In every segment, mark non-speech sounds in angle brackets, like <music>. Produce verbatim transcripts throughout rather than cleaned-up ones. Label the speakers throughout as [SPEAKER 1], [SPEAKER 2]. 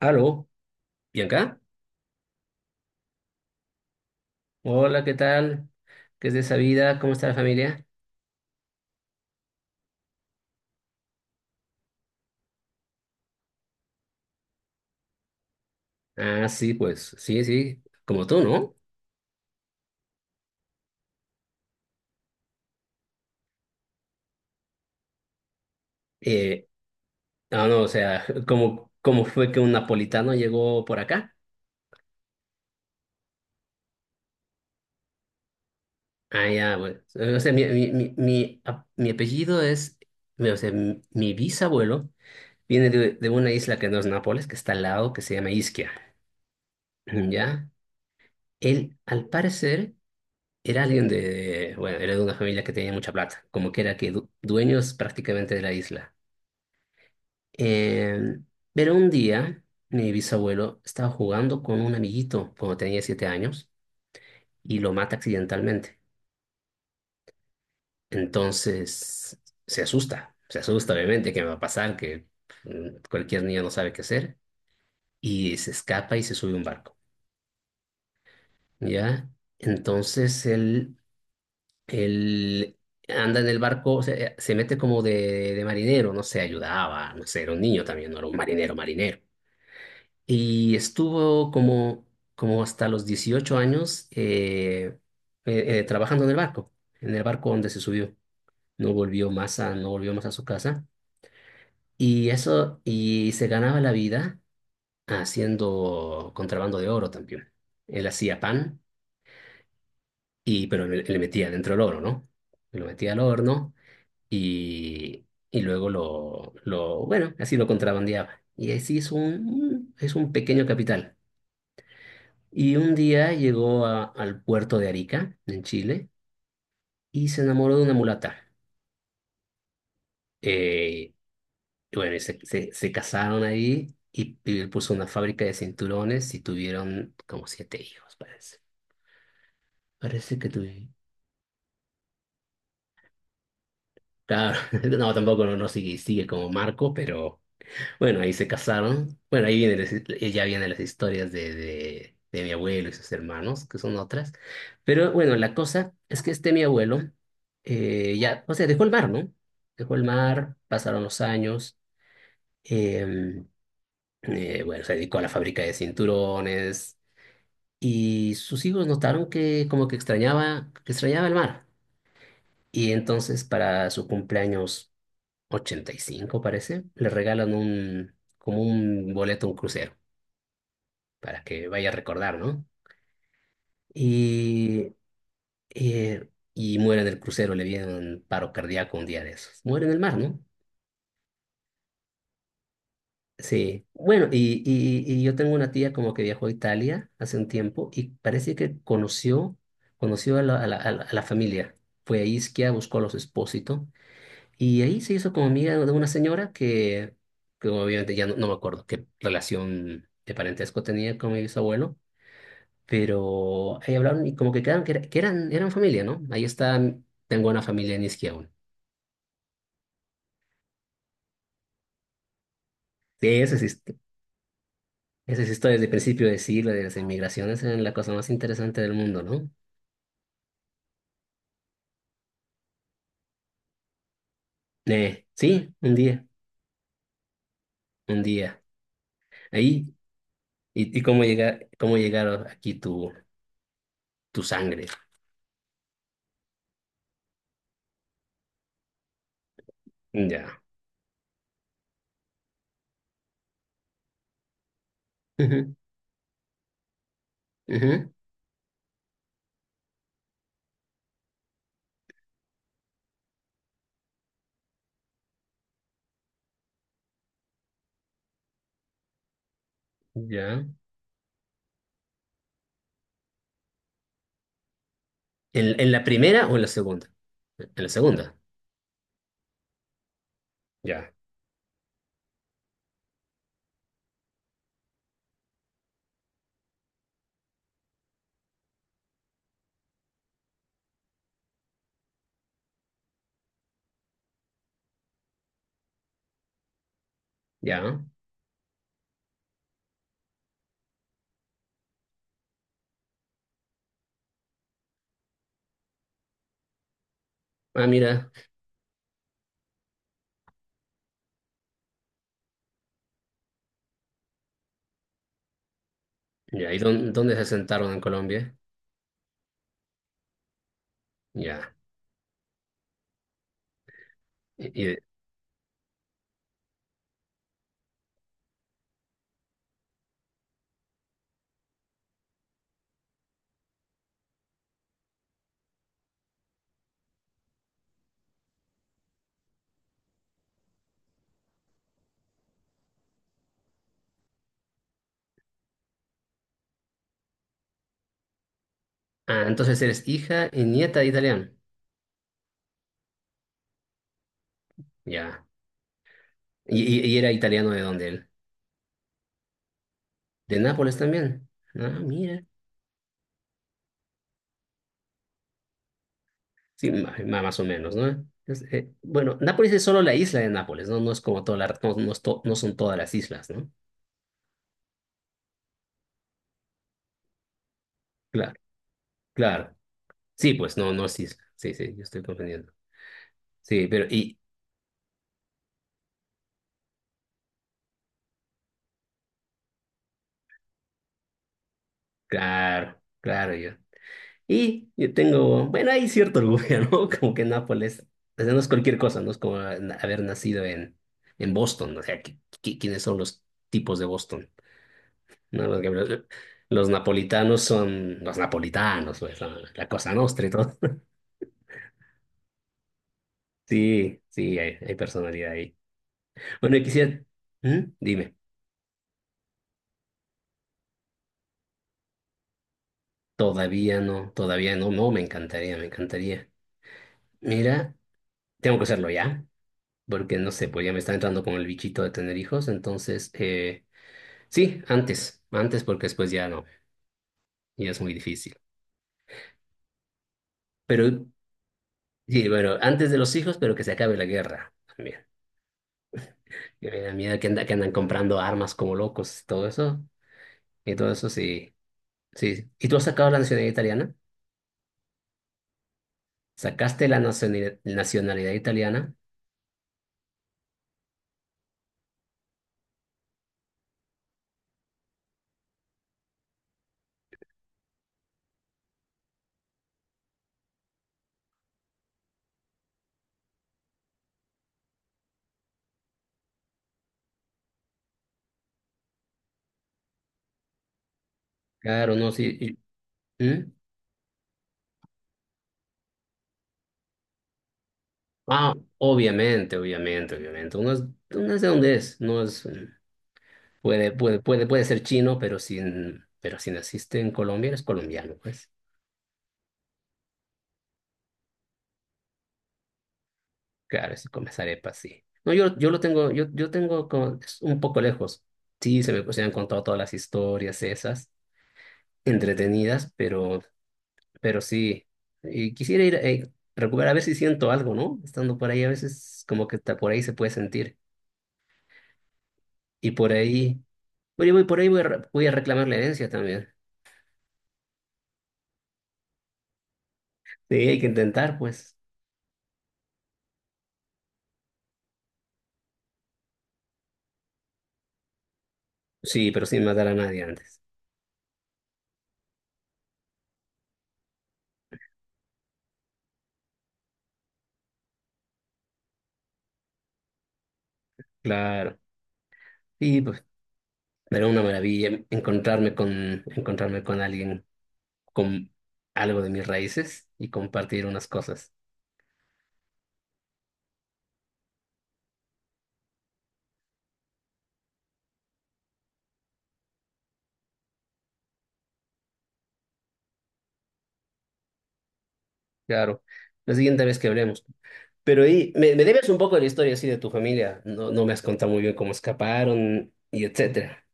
[SPEAKER 1] Aló, Bianca, hola, ¿qué tal? ¿Qué es de esa vida? ¿Cómo está la familia? Ah, sí, pues, sí, sí, como tú, ¿no? Eh, ah, no, o sea, <laughs> ¿cómo, cómo fue que un napolitano llegó por acá? Ah, ya, bueno, o sea, mi, mi, mi, mi ap- mi apellido es, mi- o sea, mi, mi bisabuelo viene de, de una isla que no es Nápoles, que está al lado, que se llama Isquia, ¿ya? Él, al parecer, era alguien de, bueno, era de una familia que tenía mucha plata, como que era que du- dueños prácticamente de la isla. Eh, pero un día mi bisabuelo estaba jugando con un amiguito cuando tenía siete años y lo mata accidentalmente. Entonces se asusta, se asusta obviamente que me va a pasar, que mm, cualquier niño no sabe qué hacer y se escapa y se sube a un barco, ¿ya? Entonces él Él anda en el barco, o sea, eh, se mete como de, de marinero, no sé, ayudaba, no sé, era un niño también, no era un marinero, marinero. Y estuvo como, como hasta los dieciocho años eh, eh, eh, trabajando en el barco, en el barco donde se subió. No volvió más a, no volvió más a su casa. Y eso, y se ganaba la vida haciendo contrabando de oro también. Él hacía pan, y, pero le, le metía dentro el oro, ¿no? Lo metía al horno y, y luego lo, lo, bueno, así lo contrabandeaba. Y así es un, es un pequeño capital. Y un día llegó a- al puerto de Arica, en Chile, y se enamoró de una mulata. Eh, y bueno, y se, se, se casaron ahí y, y él puso una fábrica de cinturones y tuvieron como siete hijos, parece. Parece que tuvieron. Claro, <laughs> no, tampoco no, no sigue, sigue como Marco, pero bueno, ahí se casaron. Bueno, ahí viene, las- ya vienen las historias de, de, de mi abuelo y sus hermanos, que son otras. Pero bueno, la cosa es que este mi abuelo eh, ya, o sea, dejó el mar, ¿no? Dejó el mar, pasaron los años. em, eh, bueno, se dedicó a la fábrica de cinturones y sus hijos notaron que como que extrañaba, que extrañaba el mar. Y entonces para su cumpleaños ochenta y cinco, parece, le regalan un, como un boleto a un crucero, para que vaya a recordar, ¿no? Y, eh, y muere en el crucero, le viene un paro cardíaco un día de esos. Muere en el mar, ¿no? Sí. Bueno, y, y, y yo tengo una tía como que viajó a Italia hace un tiempo y parece que conoció, conoció a la, a la, a la a la familia. Fue a Ischia, buscó a los Espósito y ahí se hizo como amiga de una señora que, que obviamente ya no, no me acuerdo qué relación de parentesco tenía con mi bisabuelo, pero ahí hablaron y como que quedaron que, era- que eran, eran familia, ¿no? Ahí están, tengo una familia en Isquia aún. Sí, esa es, hist- esa es historia desde el principio de siglo, de las inmigraciones, es la cosa más interesante del mundo, ¿no? Eh, sí, un día, un día. Ahí, y, y cómo llegar, cómo llegaron aquí tu, tu sangre. Ya. Ujú, ujú, ya. ¿En, en la primera o en la segunda? En la segunda. Ya, ya. Ah, mira. Ya, ¿y dónde, dónde se sentaron en Colombia? Ya. ¿Y, ah, entonces eres hija y nieta de italiano? Ya. ¿Y, y- y era italiano de dónde él? ¿De Nápoles también? Ah, mira. Sí, ma- ma- más o menos, ¿no? Entonces, eh, bueno, Nápoles es solo la isla de Nápoles, ¿no? No es como toda la, no, no es to- no son todas las islas, ¿no? Claro, claro. Sí, pues no, no es isla. Sí, sí, yo estoy comprendiendo. Sí, pero y, claro, claro, yo. Y yo tengo, bueno, hay cierto orgullo, <laughs> ¿no? Como que Nápoles, o sea, no es cualquier cosa, no es como na- haber nacido en, en Boston, o sea, qui- qui- ¿quiénes son los tipos de Boston? ¿No? Los, los- los napolitanos son los napolitanos, pues, la, la cosa nostra y todo. <laughs> Sí, sí, hay, hay personalidad ahí. Bueno, y quisiera, ¿mm? Dime, todavía no, todavía no, no, me encantaría, me encantaría. Mira, tengo que hacerlo ya, porque no sé, pues ya me está entrando con el bichito de tener hijos, entonces... Eh, Sí, antes, antes porque después ya no, ya es muy difícil. Pero sí, bueno, antes de los hijos, pero que se acabe la guerra también. Que me da miedo que, anda- que andan comprando armas como locos, todo eso, y todo eso sí, sí. ¿Y tú has sacado la nacionalidad italiana? ¿Sacaste la nacionalidad, nacionalidad italiana? Claro, no, sí. y- ¿Mm? Ah, obviamente, obviamente, obviamente. Uno es, uno es de donde es, no es, mm, puede, puede, puede, puede ser chino, pero sin, pero si naciste en Colombia, eres colombiano, pues. Claro, sí, con las arepas, sí. No, yo, yo lo tengo, yo, yo tengo como, es un poco lejos. Sí, se me, se me han contado todas las historias esas, entretenidas, pero, pero sí. Y quisiera ir, eh, recuperar, a ver si siento algo, ¿no? Estando por ahí, a veces como que está por ahí se puede sentir. Y por ahí, oye, voy, por ahí voy a, re- voy a reclamar la herencia también. Sí, hay que intentar, pues. Sí, pero sin matar a nadie antes. Claro. Sí, pues, era una maravilla encontrarme con, encontrarme con alguien con algo de mis raíces y compartir unas cosas. Claro, la siguiente vez que hablemos. Pero ahí, me, me debes un poco de la historia así de tu familia. No, no me has contado muy bien cómo escaparon y etcétera.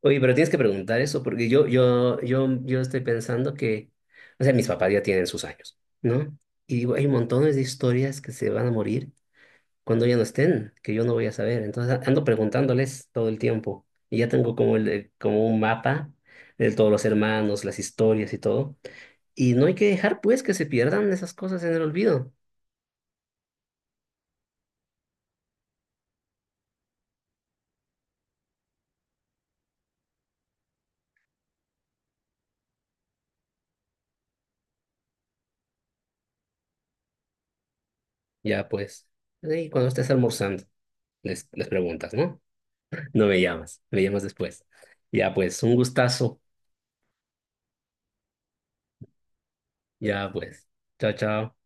[SPEAKER 1] Oye, pero tienes que preguntar eso porque yo, yo, yo, yo estoy pensando que, o sea, mis papás ya tienen sus años, ¿no? Y digo, hay montones de historias que se van a morir cuando ya no estén, que yo no voy a saber. Entonces a- ando preguntándoles todo el tiempo y ya tengo como, el, eh, como un mapa de todos los hermanos, las historias y todo. Y no hay que dejar pues que se pierdan esas cosas en el olvido. Ya pues, ahí cuando estés almorzando, les, les preguntas, ¿no? No me llamas, me llamas después. Ya pues, un gustazo. Ya pues, chao, chao.